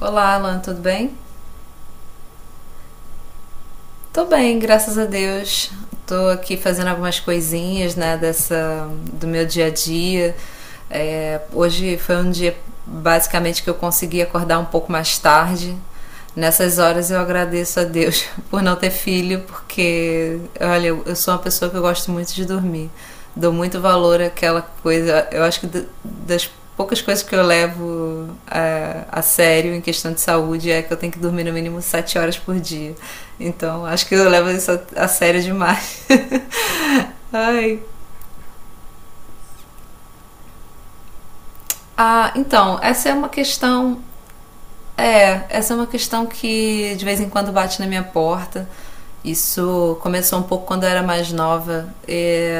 Olá, Alan, tudo bem? Tô bem, graças a Deus. Tô aqui fazendo algumas coisinhas, né, dessa do meu dia a dia. É, hoje foi um dia basicamente que eu consegui acordar um pouco mais tarde. Nessas horas eu agradeço a Deus por não ter filho, porque olha, eu sou uma pessoa que eu gosto muito de dormir. Dou muito valor àquela coisa. Eu acho que das poucas coisas que eu levo a sério em questão de saúde é que eu tenho que dormir no mínimo 7 horas por dia. Então, acho que eu levo isso a sério demais. Ai. Ah, então, essa é uma questão. É, essa é uma questão que de vez em quando bate na minha porta. Isso começou um pouco quando eu era mais nova. E,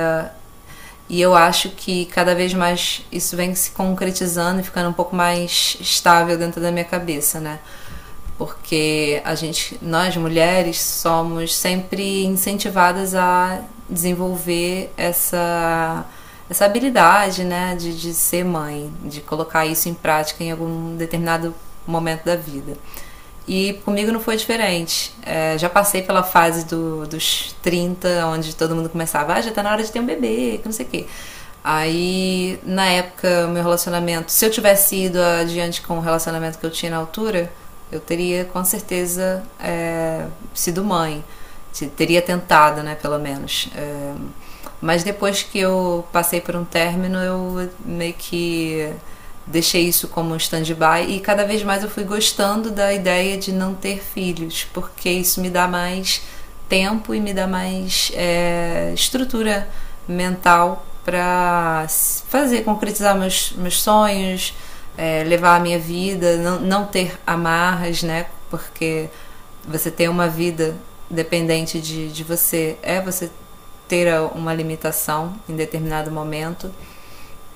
e eu acho que cada vez mais isso vem se concretizando e ficando um pouco mais estável dentro da minha cabeça, né? Porque a gente, nós mulheres somos sempre incentivadas a desenvolver essa habilidade, né, de ser mãe, de colocar isso em prática em algum determinado momento da vida. E comigo não foi diferente. É, já passei pela fase dos 30 onde todo mundo começava, ah, já tá na hora de ter um bebê, que não sei o quê. Aí, na época, meu relacionamento, se eu tivesse ido adiante com o relacionamento que eu tinha na altura, eu teria com certeza sido mãe. Teria tentado, né, pelo menos. Mas depois que eu passei por um término, eu meio que deixei isso como um stand-by e cada vez mais eu fui gostando da ideia de não ter filhos, porque isso me dá mais tempo e me dá mais estrutura mental para fazer, concretizar meus sonhos, levar a minha vida, não ter amarras, né? Porque você ter uma vida dependente de você é você ter uma limitação em determinado momento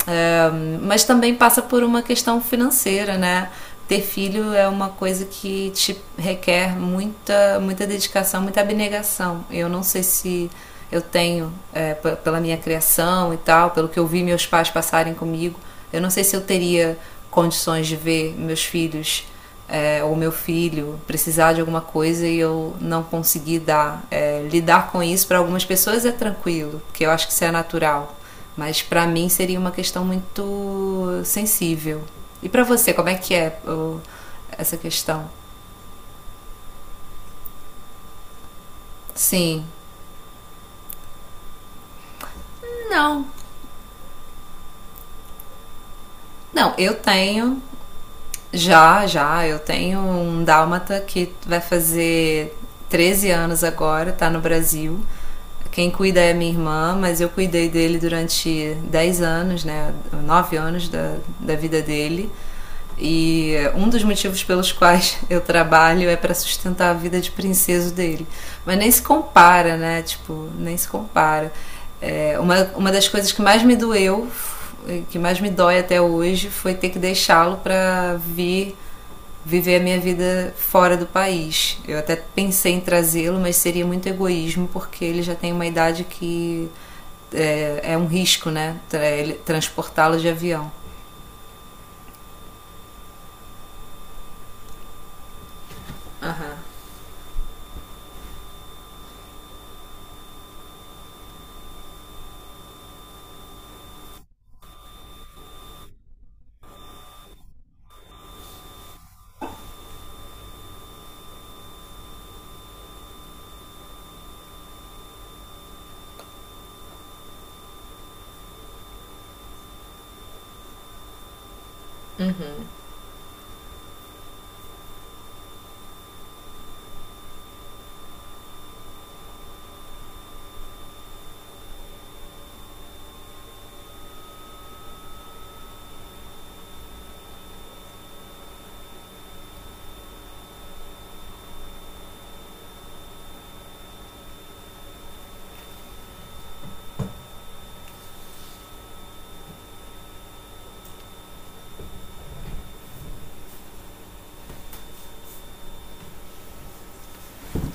mas também passa por uma questão financeira, né? Ter filho é uma coisa que te requer muita, muita dedicação, muita abnegação. Eu não sei se eu tenho, pela minha criação e tal, pelo que eu vi meus pais passarem comigo, eu não sei se eu teria condições de ver meus filhos ou meu filho precisar de alguma coisa e eu não conseguir dar. Lidar com isso para algumas pessoas é tranquilo, porque eu acho que isso é natural. Mas para mim seria uma questão muito sensível. E para você, como é que é essa questão? Sim. Não. Não, eu tenho Já, já. Eu tenho um dálmata que vai fazer 13 anos agora, tá no Brasil. Quem cuida é minha irmã, mas eu cuidei dele durante 10 anos, né? 9 anos da vida dele. E um dos motivos pelos quais eu trabalho é para sustentar a vida de princeso dele. Mas nem se compara, né? Tipo, nem se compara. Uma das coisas que mais me doeu, que mais me dói até hoje, foi ter que deixá-lo para vir viver a minha vida fora do país. Eu até pensei em trazê-lo, mas seria muito egoísmo, porque ele já tem uma idade que é um risco, né? Transportá-lo de avião.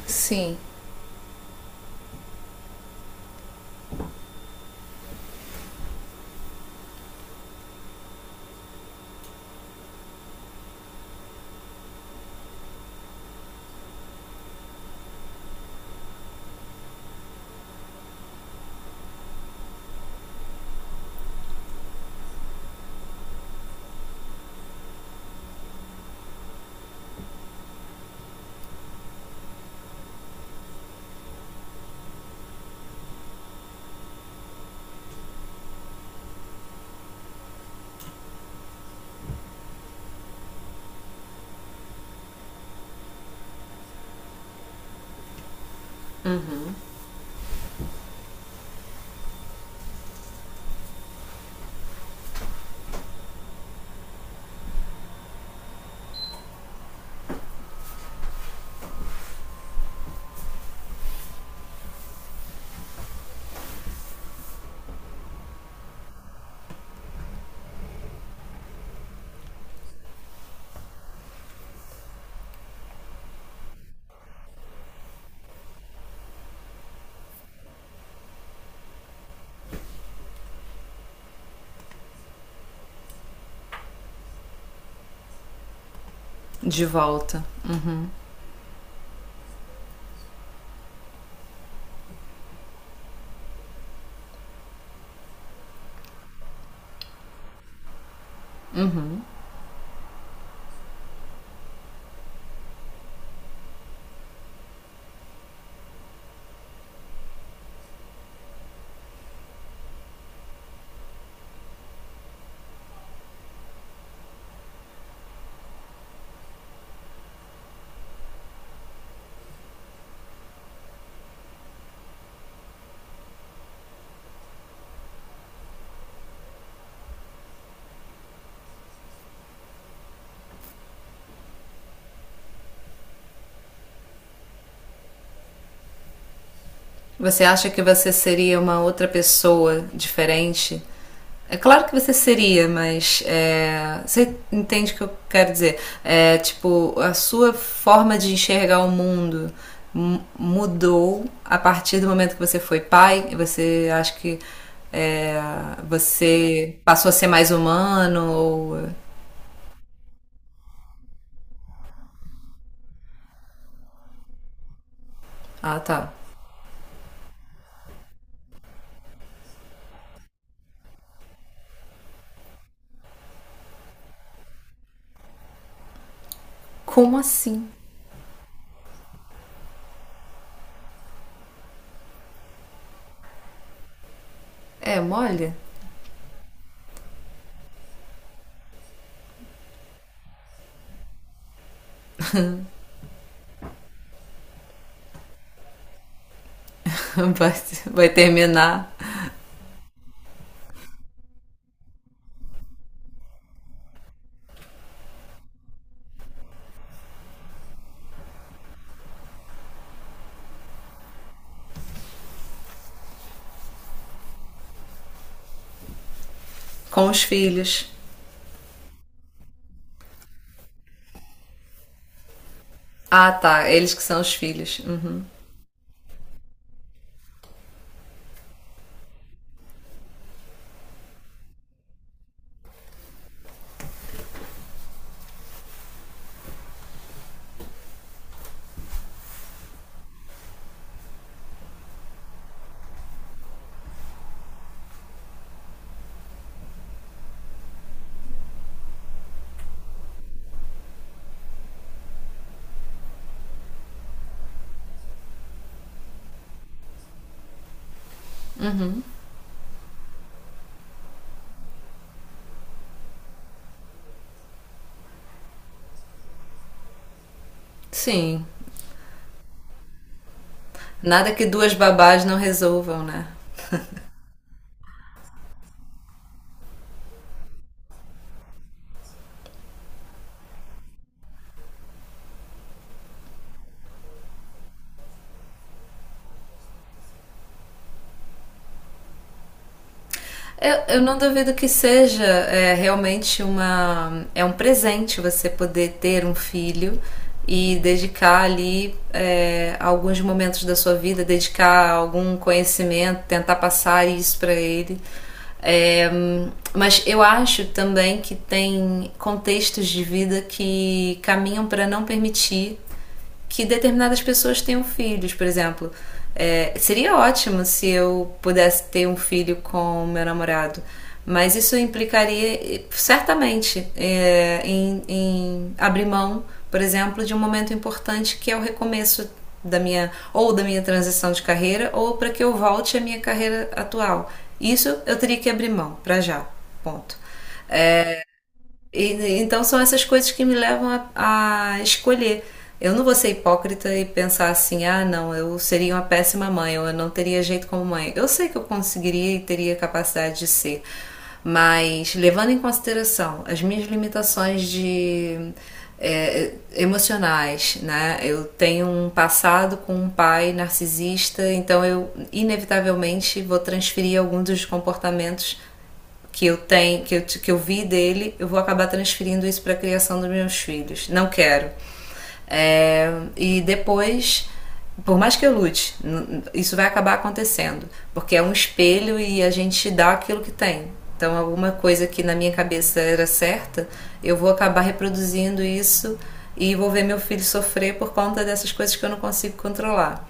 Sim. Uhum. De volta. Uhum. Você acha que você seria uma outra pessoa diferente. É claro que você seria, mas você entende o que eu quero dizer? É, tipo, a sua forma de enxergar o mundo mudou a partir do momento que você foi pai, e você acha que é, você passou a ser mais humano ou... Ah, tá. Como assim? É, molha? Vai, vai terminar com os filhos. Ah, tá. Eles que são os filhos. Uhum. Sim. Nada que duas babás não resolvam, né? Eu não duvido que seja realmente é um presente você poder ter um filho e dedicar ali alguns momentos da sua vida, dedicar algum conhecimento, tentar passar isso para ele. É, mas eu acho também que tem contextos de vida que caminham para não permitir que determinadas pessoas tenham filhos, por exemplo. Seria ótimo se eu pudesse ter um filho com meu namorado, mas isso implicaria certamente em abrir mão, por exemplo, de um momento importante que é o recomeço da minha ou da minha transição de carreira ou para que eu volte à minha carreira atual. Isso eu teria que abrir mão para já. Ponto. E então são essas coisas que me levam a escolher. Eu não vou ser hipócrita e pensar assim, ah, não, eu seria uma péssima mãe, ou eu não teria jeito como mãe. Eu sei que eu conseguiria e teria capacidade de ser, mas levando em consideração as minhas limitações de emocionais, né? Eu tenho um passado com um pai narcisista, então eu inevitavelmente vou transferir alguns dos comportamentos que eu tenho, que eu vi dele, eu vou acabar transferindo isso para a criação dos meus filhos. Não quero. É, e depois, por mais que eu lute, isso vai acabar acontecendo, porque é um espelho e a gente dá aquilo que tem. Então, alguma coisa que na minha cabeça era certa, eu vou acabar reproduzindo isso e vou ver meu filho sofrer por conta dessas coisas que eu não consigo controlar.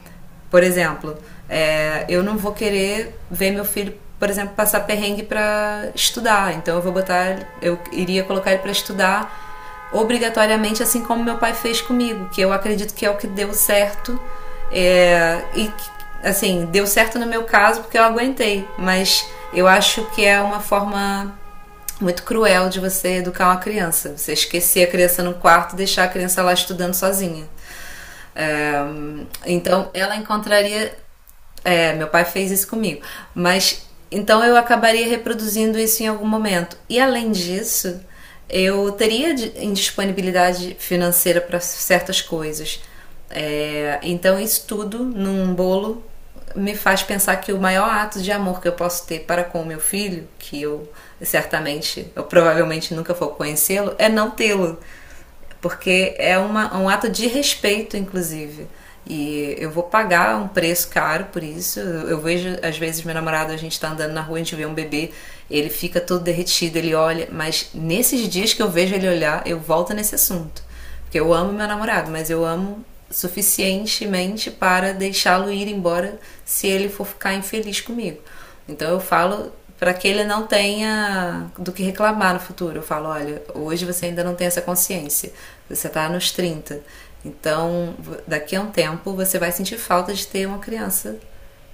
Por exemplo, eu não vou querer ver meu filho, por exemplo, passar perrengue para estudar. Então eu vou botar, eu iria colocar ele para estudar obrigatoriamente, assim como meu pai fez comigo, que eu acredito que é o que deu certo. E assim, deu certo no meu caso porque eu aguentei, mas eu acho que é uma forma muito cruel de você educar uma criança. Você esquecer a criança no quarto e deixar a criança lá estudando sozinha. É, então ela encontraria. Meu pai fez isso comigo. Mas então eu acabaria reproduzindo isso em algum momento. E além disso, eu teria indisponibilidade financeira para certas coisas. Então isso tudo num bolo me faz pensar que o maior ato de amor que eu posso ter para com o meu filho, que eu certamente, eu provavelmente nunca vou conhecê-lo, é não tê-lo. Porque é um ato de respeito, inclusive. E eu vou pagar um preço caro por isso. Vejo, às vezes, meu namorado, a gente tá andando na rua, a gente vê um bebê, ele fica todo derretido, ele olha, mas nesses dias que eu vejo ele olhar, eu volto nesse assunto. Porque eu amo meu namorado, mas eu amo suficientemente para deixá-lo ir embora se ele for ficar infeliz comigo. Então eu falo para que ele não tenha do que reclamar no futuro. Eu falo, olha, hoje você ainda não tem essa consciência. Você está nos 30. Então, daqui a um tempo você vai sentir falta de ter uma criança,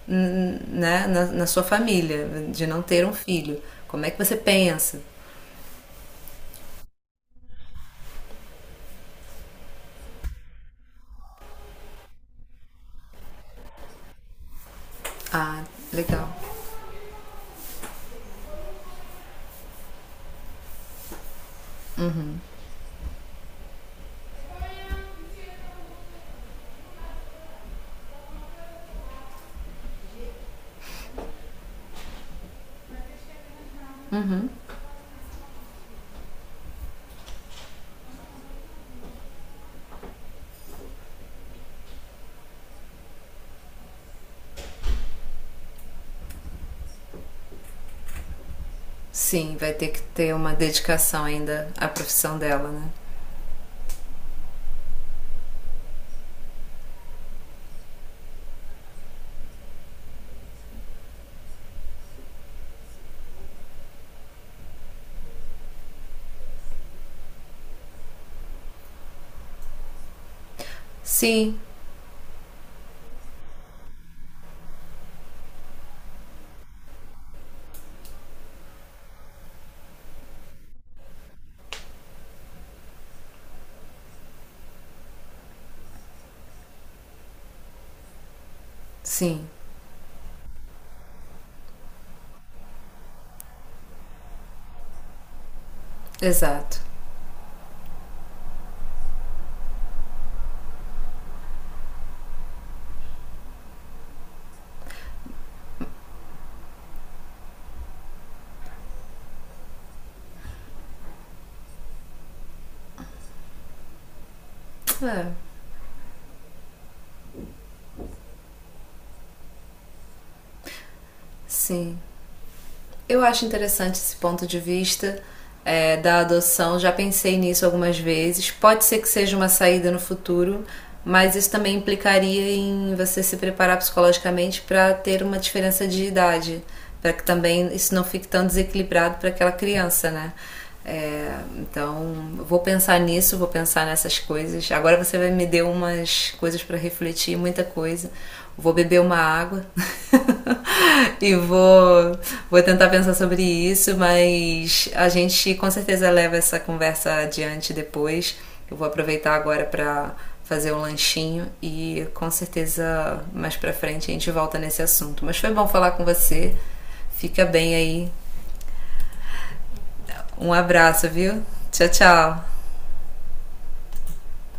né, na sua família, de não ter um filho. Como é que você pensa? Ah, legal. Sim, vai ter que ter uma dedicação ainda à profissão dela, né? Sim, sim, exato. É, sim. Eu acho interessante esse ponto de vista da adoção, já pensei nisso algumas vezes. Pode ser que seja uma saída no futuro, mas isso também implicaria em você se preparar psicologicamente para ter uma diferença de idade, para que também isso não fique tão desequilibrado para aquela criança, né? Então, vou pensar nisso, vou pensar nessas coisas. Agora você vai me deu umas coisas para refletir, muita coisa. Vou beber uma água e vou tentar pensar sobre isso, mas a gente com certeza leva essa conversa adiante depois. Eu vou aproveitar agora para fazer um lanchinho e com certeza mais para frente a gente volta nesse assunto. Mas foi bom falar com você. Fica bem aí. Um abraço, viu? Tchau, tchau.